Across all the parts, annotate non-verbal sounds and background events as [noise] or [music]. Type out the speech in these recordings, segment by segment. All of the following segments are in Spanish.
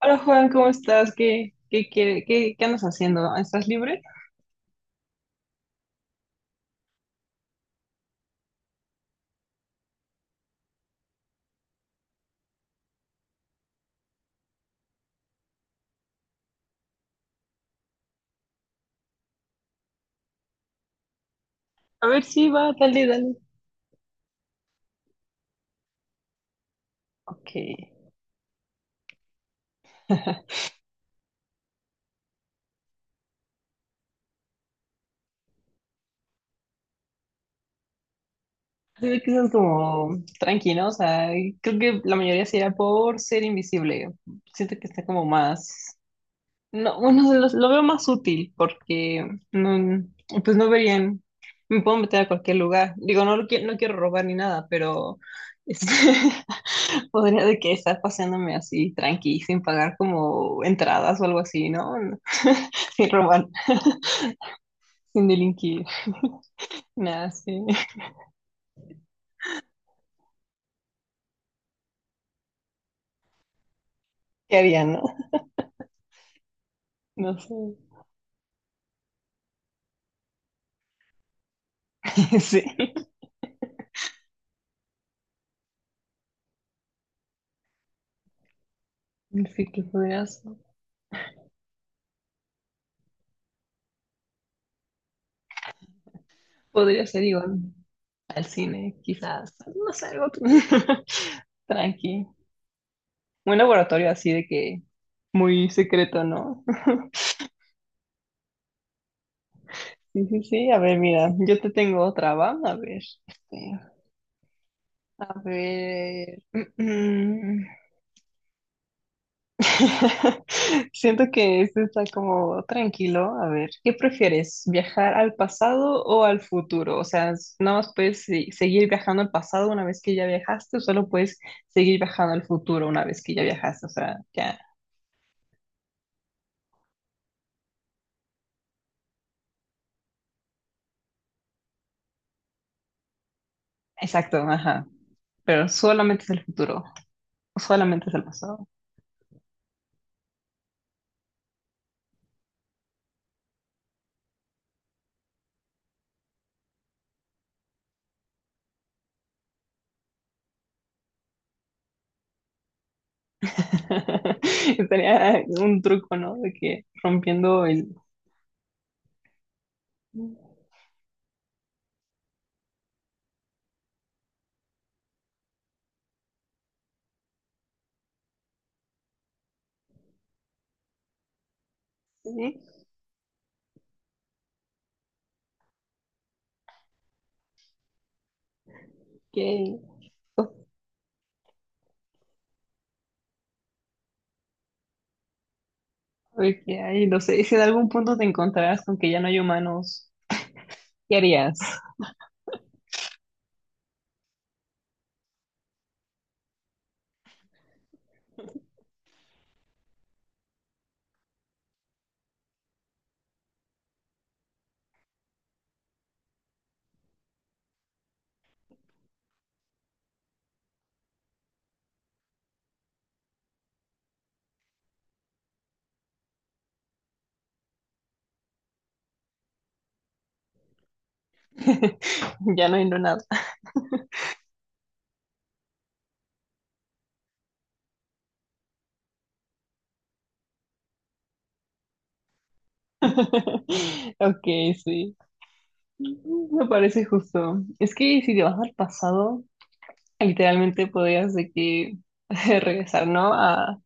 Hola, Juan, ¿cómo estás? ¿Qué andas haciendo? ¿Estás libre? A ver, sí, va, dale, dale. Ok. [laughs] Se ve que estás como tranquilo, o sea, creo que la mayoría sería por ser invisible. Siento que está como más. No, bueno, lo veo más útil porque no, pues no verían, me puedo meter a cualquier lugar. Digo, no, no quiero robar ni nada, pero este, [laughs] podría de que estar paseándome así tranqui, sin pagar como entradas o algo así, ¿no? [laughs] Sin robar, sin delinquir, nada, sí. ¿Qué harían, no? No sé. [laughs] Sí, sí que podrías, podría ser igual al cine, quizás, no sé, algo [laughs] tranqui. Un laboratorio así de que muy secreto, ¿no? [laughs] Sí, sí, sí. A ver, mira, yo te tengo otra, ¿va? A ver, a ver. mm, mm. [laughs] Siento que este está como tranquilo. A ver, ¿qué prefieres? ¿Viajar al pasado o al futuro? O sea, nada más puedes seguir viajando al pasado una vez que ya viajaste, o solo puedes seguir viajando al futuro una vez que ya viajaste. O sea, ya. Exacto, ajá. Pero solamente es el futuro, solamente es el pasado. [laughs] Estaría un truco, ¿no? De que rompiendo el... ¿Sí? Que, que hay, no sé, si en algún punto te encontrarás con que ya no hay humanos, ¿qué harías? [laughs] Ya no hay no nada. [laughs] Ok, sí. Me parece justo. Es que si te vas al pasado, literalmente podrías de que [laughs] regresar, ¿no?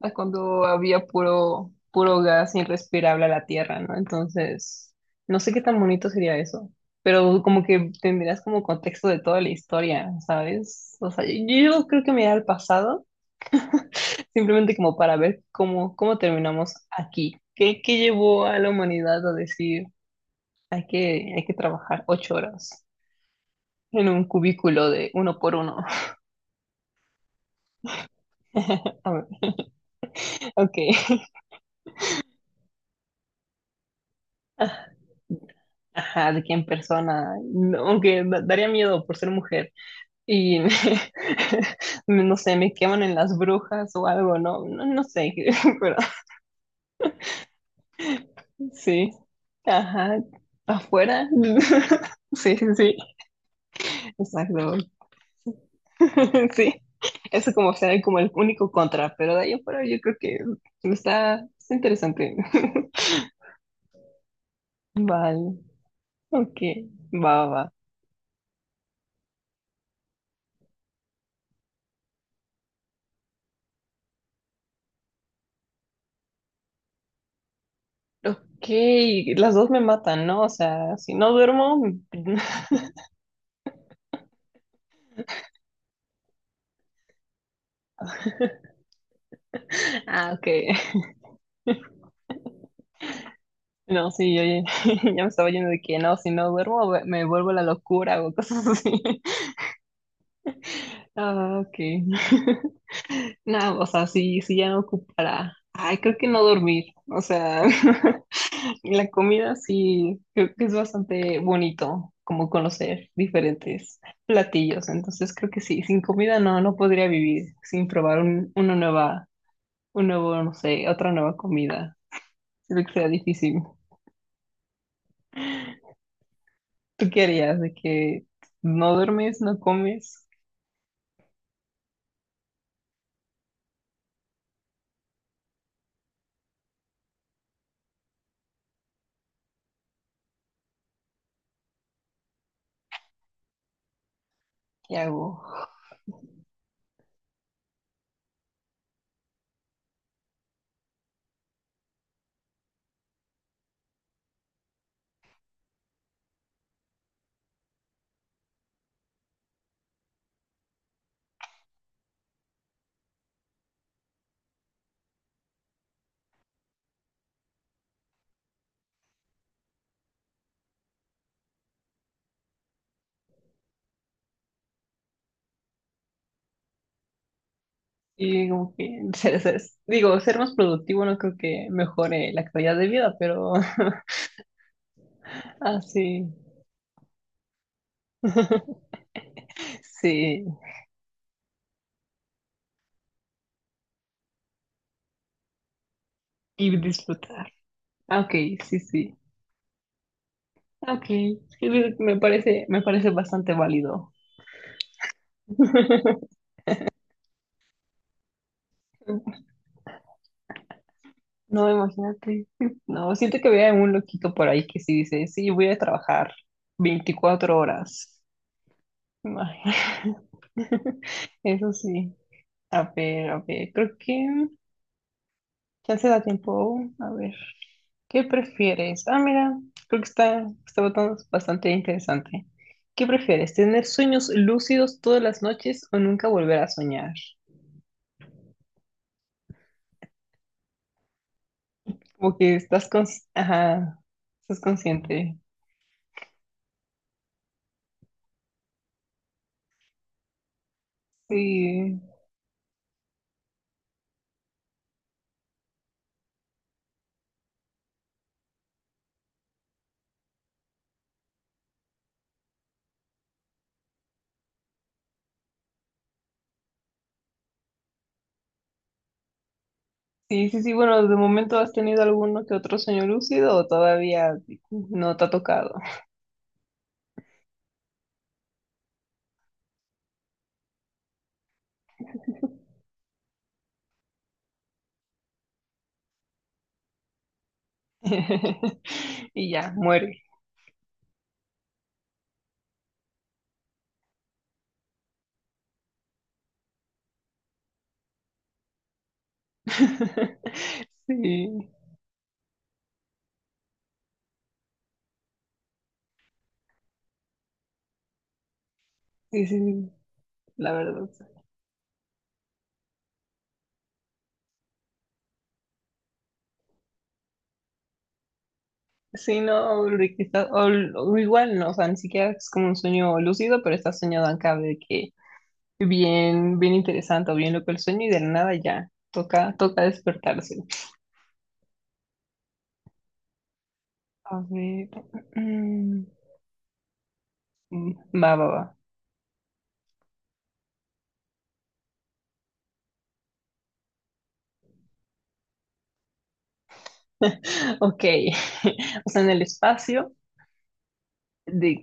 A cuando había puro, puro gas irrespirable a la tierra, ¿no? Entonces, no sé qué tan bonito sería eso, pero como que tendrías como contexto de toda la historia, ¿sabes? O sea, yo creo que me iría al pasado, simplemente como para ver cómo, cómo terminamos aquí. ¿Qué, qué llevó a la humanidad a decir, hay que trabajar 8 horas en un cubículo de uno por uno? [laughs] A ver, ok. [laughs] Ajá, de que en persona, no, aunque daría miedo por ser mujer, y me- [laughs] no sé, me queman en las brujas o algo, no, no, no sé, [laughs] pero sí, ajá, afuera, [laughs] sí, sí, sí, exacto, [laughs] sí, eso como será como el único contra, pero de ahí afuera yo creo que está, está interesante, [laughs] vale, ok, va, va, va. Ok, las dos me matan, ¿no? O sea, si no duermo, [laughs] ah, ok. No, sí, yo ya, [laughs] ya me estaba yendo de que no, si no duermo me vuelvo la locura o cosas así. [laughs] Ah, ok. [laughs] No, o sea, sí, sí ya no ocupará. Ay, creo que no dormir. O sea, [laughs] la comida sí, creo que es bastante bonito como conocer diferentes platillos. Entonces creo que sí, sin comida no, no podría vivir, sin probar una nueva, un nuevo, no sé, otra nueva comida. Creo que sea difícil. ¿Tú qué harías de que no duermes, no comes? ¿Qué hago? Y como que [laughs] digo, ser más productivo no creo que mejore la calidad de vida, pero [laughs] así, [laughs] sí, y disfrutar. Ah, ok, sí, sí. Ah, ok, sí, me parece bastante válido. [laughs] No, imagínate. No, siento que vea un loquito por ahí que sí dice, sí, voy a trabajar 24 horas. Ay, [laughs] eso sí. A ver, creo que ya se da tiempo. A ver, ¿qué prefieres? Ah, mira, creo que está, está botando bastante interesante. ¿Qué prefieres? ¿Tener sueños lúcidos todas las noches o nunca volver a soñar? Como que estás con... Ajá, estás consciente. Sí, sí, sí, sí. Bueno, de momento has tenido alguno que otro sueño lúcido o todavía no te ha tocado. [laughs] Y ya, muere. [laughs] Sí, sí, sí, sí, la verdad. Sí, no, Ulrich, está- o igual no, o sea, ni siquiera es como un sueño lúcido, pero está soñado acá de que bien, bien interesante o bien loco el sueño y de la nada ya, toca, toca despertarse. A ver, mm, va, va, va. [laughs] Ok, [laughs] o sea, en el espacio de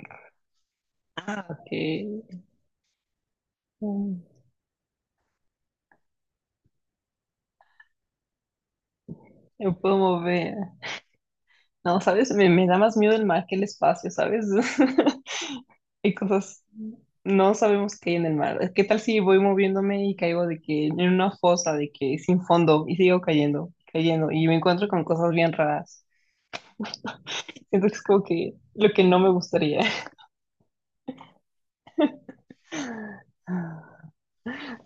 que mm, me puedo mover. No, ¿sabes? Me da más miedo el mar que el espacio, ¿sabes? [laughs] Y cosas, no sabemos qué hay en el mar. ¿Qué tal si voy moviéndome y caigo de que en una fosa, de que sin fondo y sigo cayendo, cayendo y me encuentro con cosas bien raras? Siento que es como que lo que no me gustaría. [laughs]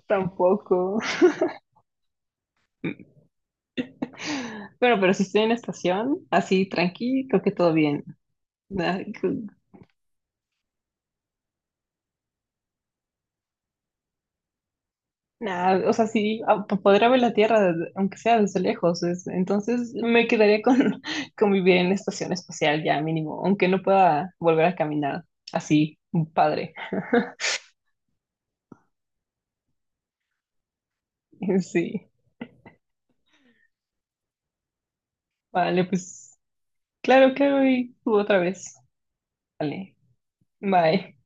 Tampoco. Bueno, pero si estoy en estación, así tranqui, creo que todo bien. Ah, nah, o sea, sí, podría ver la Tierra, desde- aunque sea desde lejos, entonces me quedaría con [laughs] con vivir en la estación espacial ya mínimo, aunque no pueda volver a caminar así, padre. [laughs] Sí, vale, pues claro, claro, y tú otra vez. Vale, bye.